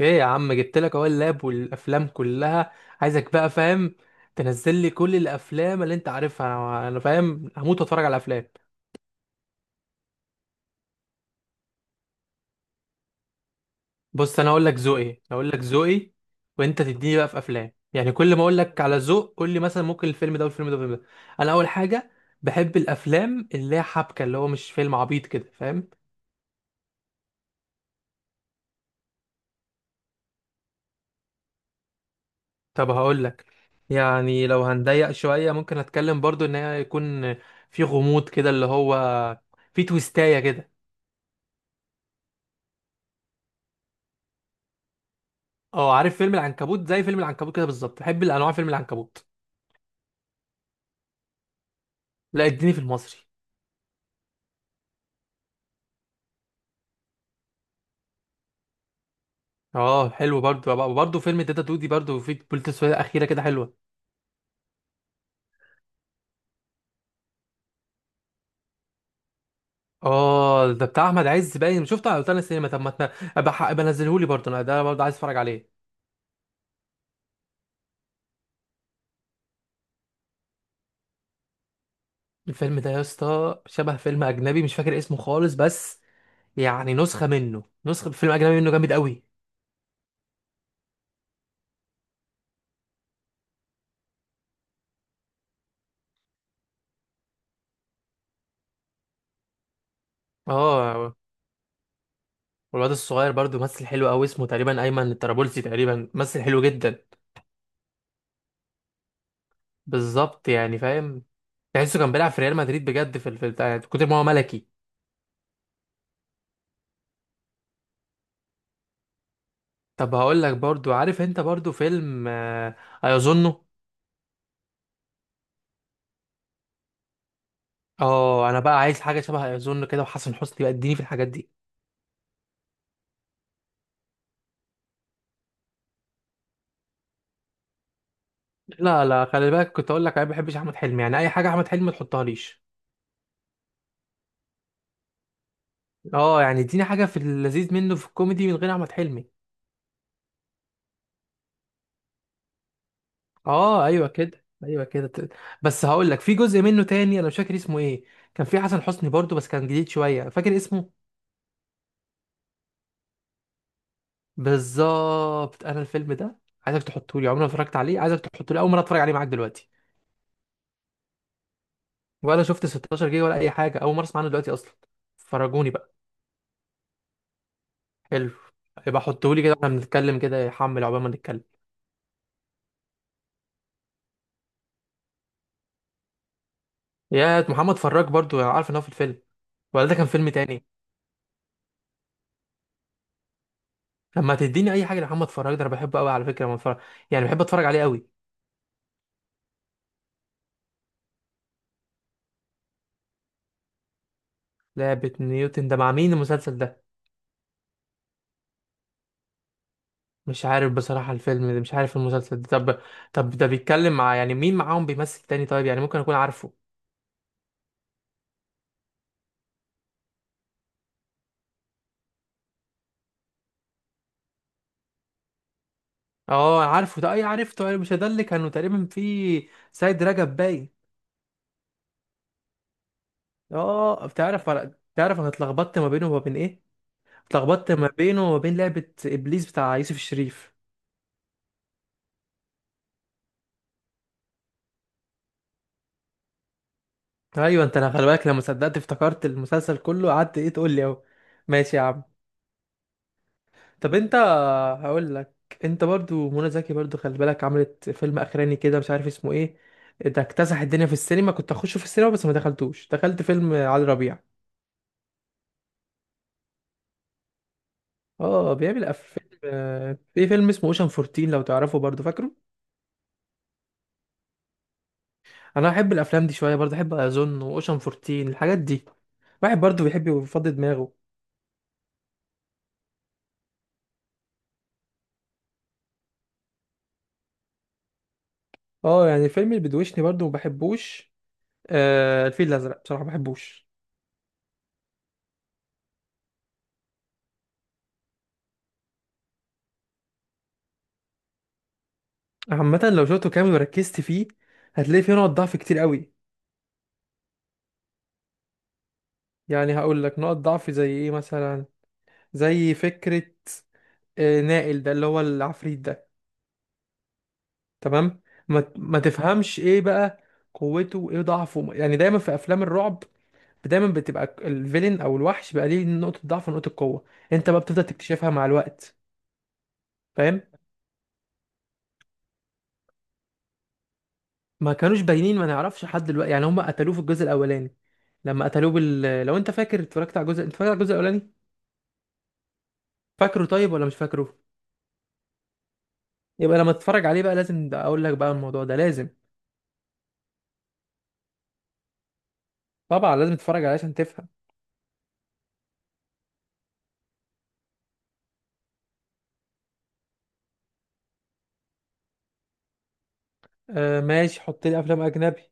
ايه يا عم، جبت لك اهو اللاب والافلام كلها. عايزك بقى فاهم تنزل لي كل الافلام اللي انت عارفها. انا فاهم هموت واتفرج على افلام. بص انا هقول لك ذوقي هقول لك ذوقي، وانت تديني بقى في افلام. يعني كل ما اقول لك على ذوق قول لي مثلا ممكن الفيلم ده والفيلم ده والفيلم ده. انا اول حاجه بحب الافلام اللي هي حبكه، اللي هو مش فيلم عبيط كده، فاهم؟ طب هقول لك، يعني لو هنضيق شويه ممكن اتكلم برضو ان هي يكون في غموض كده، اللي هو في تويستايه كده. اه عارف فيلم العنكبوت؟ زي فيلم العنكبوت كده بالظبط بحب الانواع. فيلم العنكبوت لا اديني في المصري. اه حلو، برضو فيلم داتا تو دي، برضو في بوليت سويه اخيره كده حلوه. اه ده بتاع احمد عز، باين شفته على روتانا السينما. طب ما تنا- ابقى نزلهولي برضو، انا ده برضو عايز اتفرج عليه. الفيلم ده يا اسطى شبه فيلم اجنبي مش فاكر اسمه خالص، بس يعني نسخه منه، نسخه فيلم اجنبي منه جامد قوي. اه، والواد الصغير برضو ممثل حلو قوي، اسمه تقريبا ايمن الطرابلسي تقريبا، ممثل حلو جدا. بالظبط، يعني فاهم. تحسه كان بيلعب في ريال مدريد بجد، في بتاع كتر ما هو ملكي. طب هقول لك برضو، عارف انت برضو فيلم ايظنه؟ اه انا بقى عايز حاجه شبه ايظنه كده، وحسن حسني بقى اديني في الحاجات دي. لا لا، خلي بالك كنت اقول لك انا ما بحبش احمد حلمي، يعني اي حاجه احمد حلمي ما تحطهاليش. اه يعني اديني حاجه في اللذيذ منه في الكوميدي من غير احمد حلمي. اه ايوه كده، ايوه بس هقول لك في جزء منه تاني انا مش فاكر اسمه ايه، كان في حسن حسني برضو بس كان جديد شويه، فاكر اسمه. بالظبط، انا الفيلم ده عايزك تحطه لي، عمري ما اتفرجت عليه. عايزك تحطه لي اول مره اتفرج عليه معاك دلوقتي. ولا شفت 16 جيجا ولا اي حاجه، اول مره اسمع عنه دلوقتي اصلا. فرجوني بقى. حلو، يبقى حطه لي كده واحنا بنتكلم كده، يحمل عقبال ما نتكلم. يا محمد فراج، برضو انا عارف ان هو في الفيلم، ولا ده كان فيلم تاني؟ لما تديني اي حاجه لمحمد فراج ده انا بحبه قوي على فكره، لما اتفرج يعني بحب اتفرج عليه قوي. لعبه نيوتن ده مع مين المسلسل ده؟ مش عارف بصراحه الفيلم ده، مش عارف المسلسل ده. طب، طب ده بيتكلم مع، يعني مين معاهم بيمثل تاني؟ طيب يعني ممكن اكون عارفه. اه عارفه ده، اي عرفته، اي مش ده اللي كانوا تقريبا في سيد رجب باين؟ اه، بتعرف، انا اتلخبطت ما بينه وما بين ايه. اتلخبطت ما بينه وما بين لعبة ابليس بتاع يوسف الشريف. ايوه انت، انا خلي بالك لما صدقت افتكرت المسلسل كله، قعدت ايه تقول لي اهو. ماشي يا عم. طب انت، هقول لك، انت برضو منى زكي برضو خلي بالك عملت فيلم اخراني كده مش عارف اسمه ايه، ده اكتسح الدنيا في السينما، كنت اخشه في السينما بس ما دخلتوش، دخلت فيلم علي ربيع. اه بيعمل أف- في فيلم اسمه اوشن 14 لو تعرفه، برضو فاكره؟ انا بحب الافلام دي شويه، برضو بحب اظن واوشن 14، الحاجات دي. واحد برضو بيحب يفضي دماغه. اه يعني الفيلم اللي بيدوشني برضو ما بحبوش. آه الفيل الازرق بصراحه ما بحبوش. عامه لو شفته كامل وركزت فيه هتلاقي فيه نقط ضعف كتير قوي. يعني هقول لك نقط ضعف زي ايه مثلا، زي فكره نائل ده اللي هو العفريت ده. تمام. ما تفهمش ايه بقى قوته وايه ضعفه؟ يعني دايما في افلام الرعب دايما بتبقى الفيلن او الوحش بقى ليه نقطه ضعف ونقطه قوه، انت بقى بتفضل تكتشفها مع الوقت، فاهم؟ ما كانوش باينين، ما نعرفش لحد دلوقتي. يعني هم قتلوه في الجزء الاولاني، لما قتلوه لو انت فاكر اتفرجت على الجزء، انت فاكر على الجزء الاولاني؟ فاكره طيب ولا مش فاكره؟ يبقى لما تتفرج عليه بقى لازم اقول لك بقى الموضوع ده. لازم طبعا لازم تتفرج عليه عشان تفهم. آه ماشي حط لي افلام اجنبي.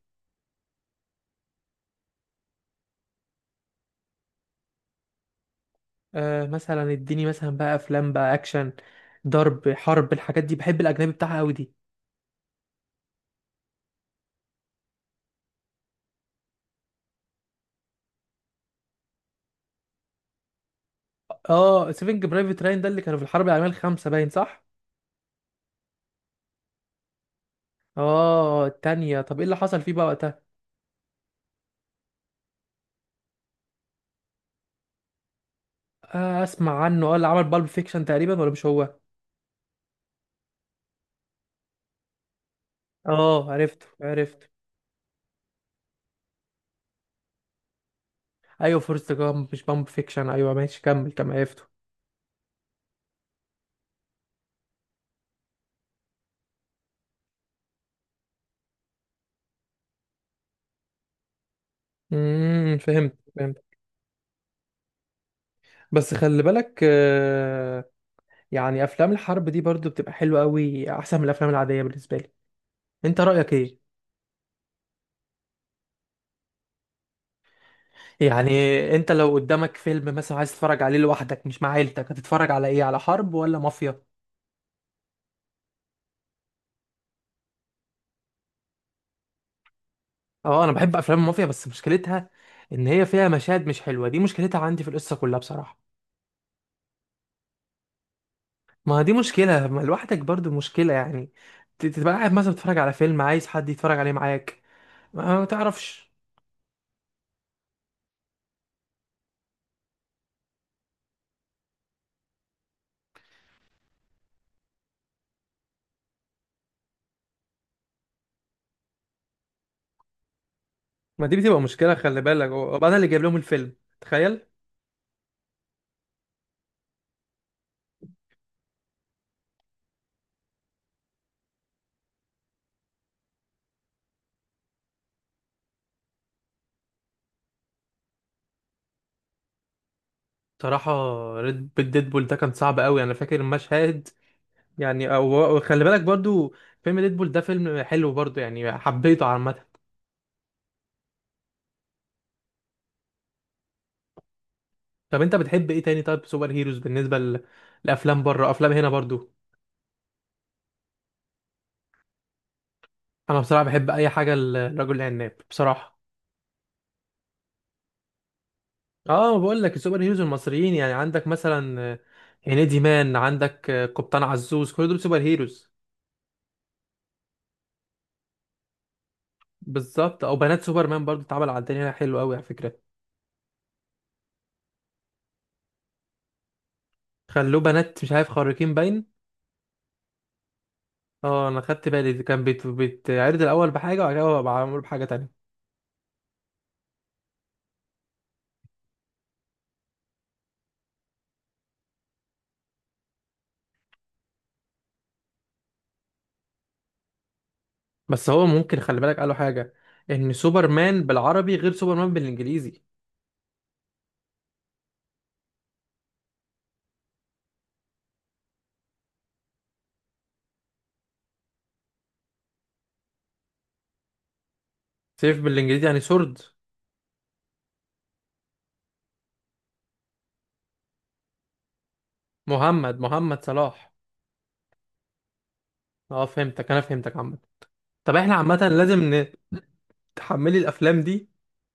آه مثلا اديني مثلا بقى افلام بقى اكشن، ضرب، حرب، الحاجات دي، بحب الاجنبي بتاعها قوي دي. اه سيفنج برايفت راين ده اللي كانوا في الحرب العالميه الخامسه باين، صح؟ اه التانية، طب ايه اللي حصل فيه بقى وقتها؟ آه اسمع عنه، اه اللي عمل بالب فيكشن تقريبا، ولا مش هو؟ اه عرفته عرفته. ايوه فورست جامب مش بالب فيكشن، ايوه ماشي كمل كمل عرفته. فهمت فهمت. بس خلي بالك آه، يعني افلام الحرب دي برضو بتبقى حلوه قوي احسن من الافلام العاديه بالنسبه لي. انت رايك ايه؟ يعني انت لو قدامك فيلم مثلا عايز تتفرج عليه لوحدك مش مع عيلتك، هتتفرج على ايه، على حرب ولا مافيا؟ اه انا بحب افلام المافيا بس مشكلتها ان هي فيها مشاهد مش حلوه، دي مشكلتها عندي، في القصه كلها بصراحه. ما دي مشكله، ما لوحدك برضو مشكله يعني. تبقى قاعد مثلا بتتفرج على فيلم عايز حد يتفرج عليه معاك، ما تعرفش. ما دي بتبقى مشكله خلي بالك، وبعدين انا اللي جايب لهم الفيلم، تخيل. صراحه ريد بول، ديدبول ده كان صعب قوي انا فاكر المشهد. يعني وخلي بالك برضو فيلم ديدبول ده فيلم حلو برضو يعني، حبيته عامة. طب انت بتحب ايه تاني؟ طيب سوبر هيروز بالنسبة لأفلام بره، أفلام هنا برضو؟ انا بصراحة بحب اي حاجة للرجل العناب بصراحة. اه بقول لك السوبر هيروز المصريين، يعني عندك مثلا هنيدي مان، عندك قبطان عزوز، كل دول سوبر هيروز. بالظبط، او بنات سوبرمان برضو اتعمل على الدنيا حلو قوي على فكرة. خلوه بنات مش عارف خارقين باين. اه انا خدت بالي، كان بيتعرض الاول بحاجة وبعد كده بقى معمول بحاجة تانية. بس هو ممكن خلي بالك قالوا حاجة، ان سوبرمان بالعربي غير سوبرمان بالانجليزي. سيف بالانجليزي يعني سورد. محمد صلاح. اه فهمتك، انا فهمتك عامة. طب احنا عامة لازم تحملي الافلام دي،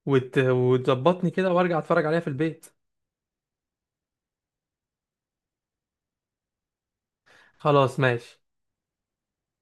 وتظبطني كده وارجع اتفرج عليها في البيت. خلاص ماشي.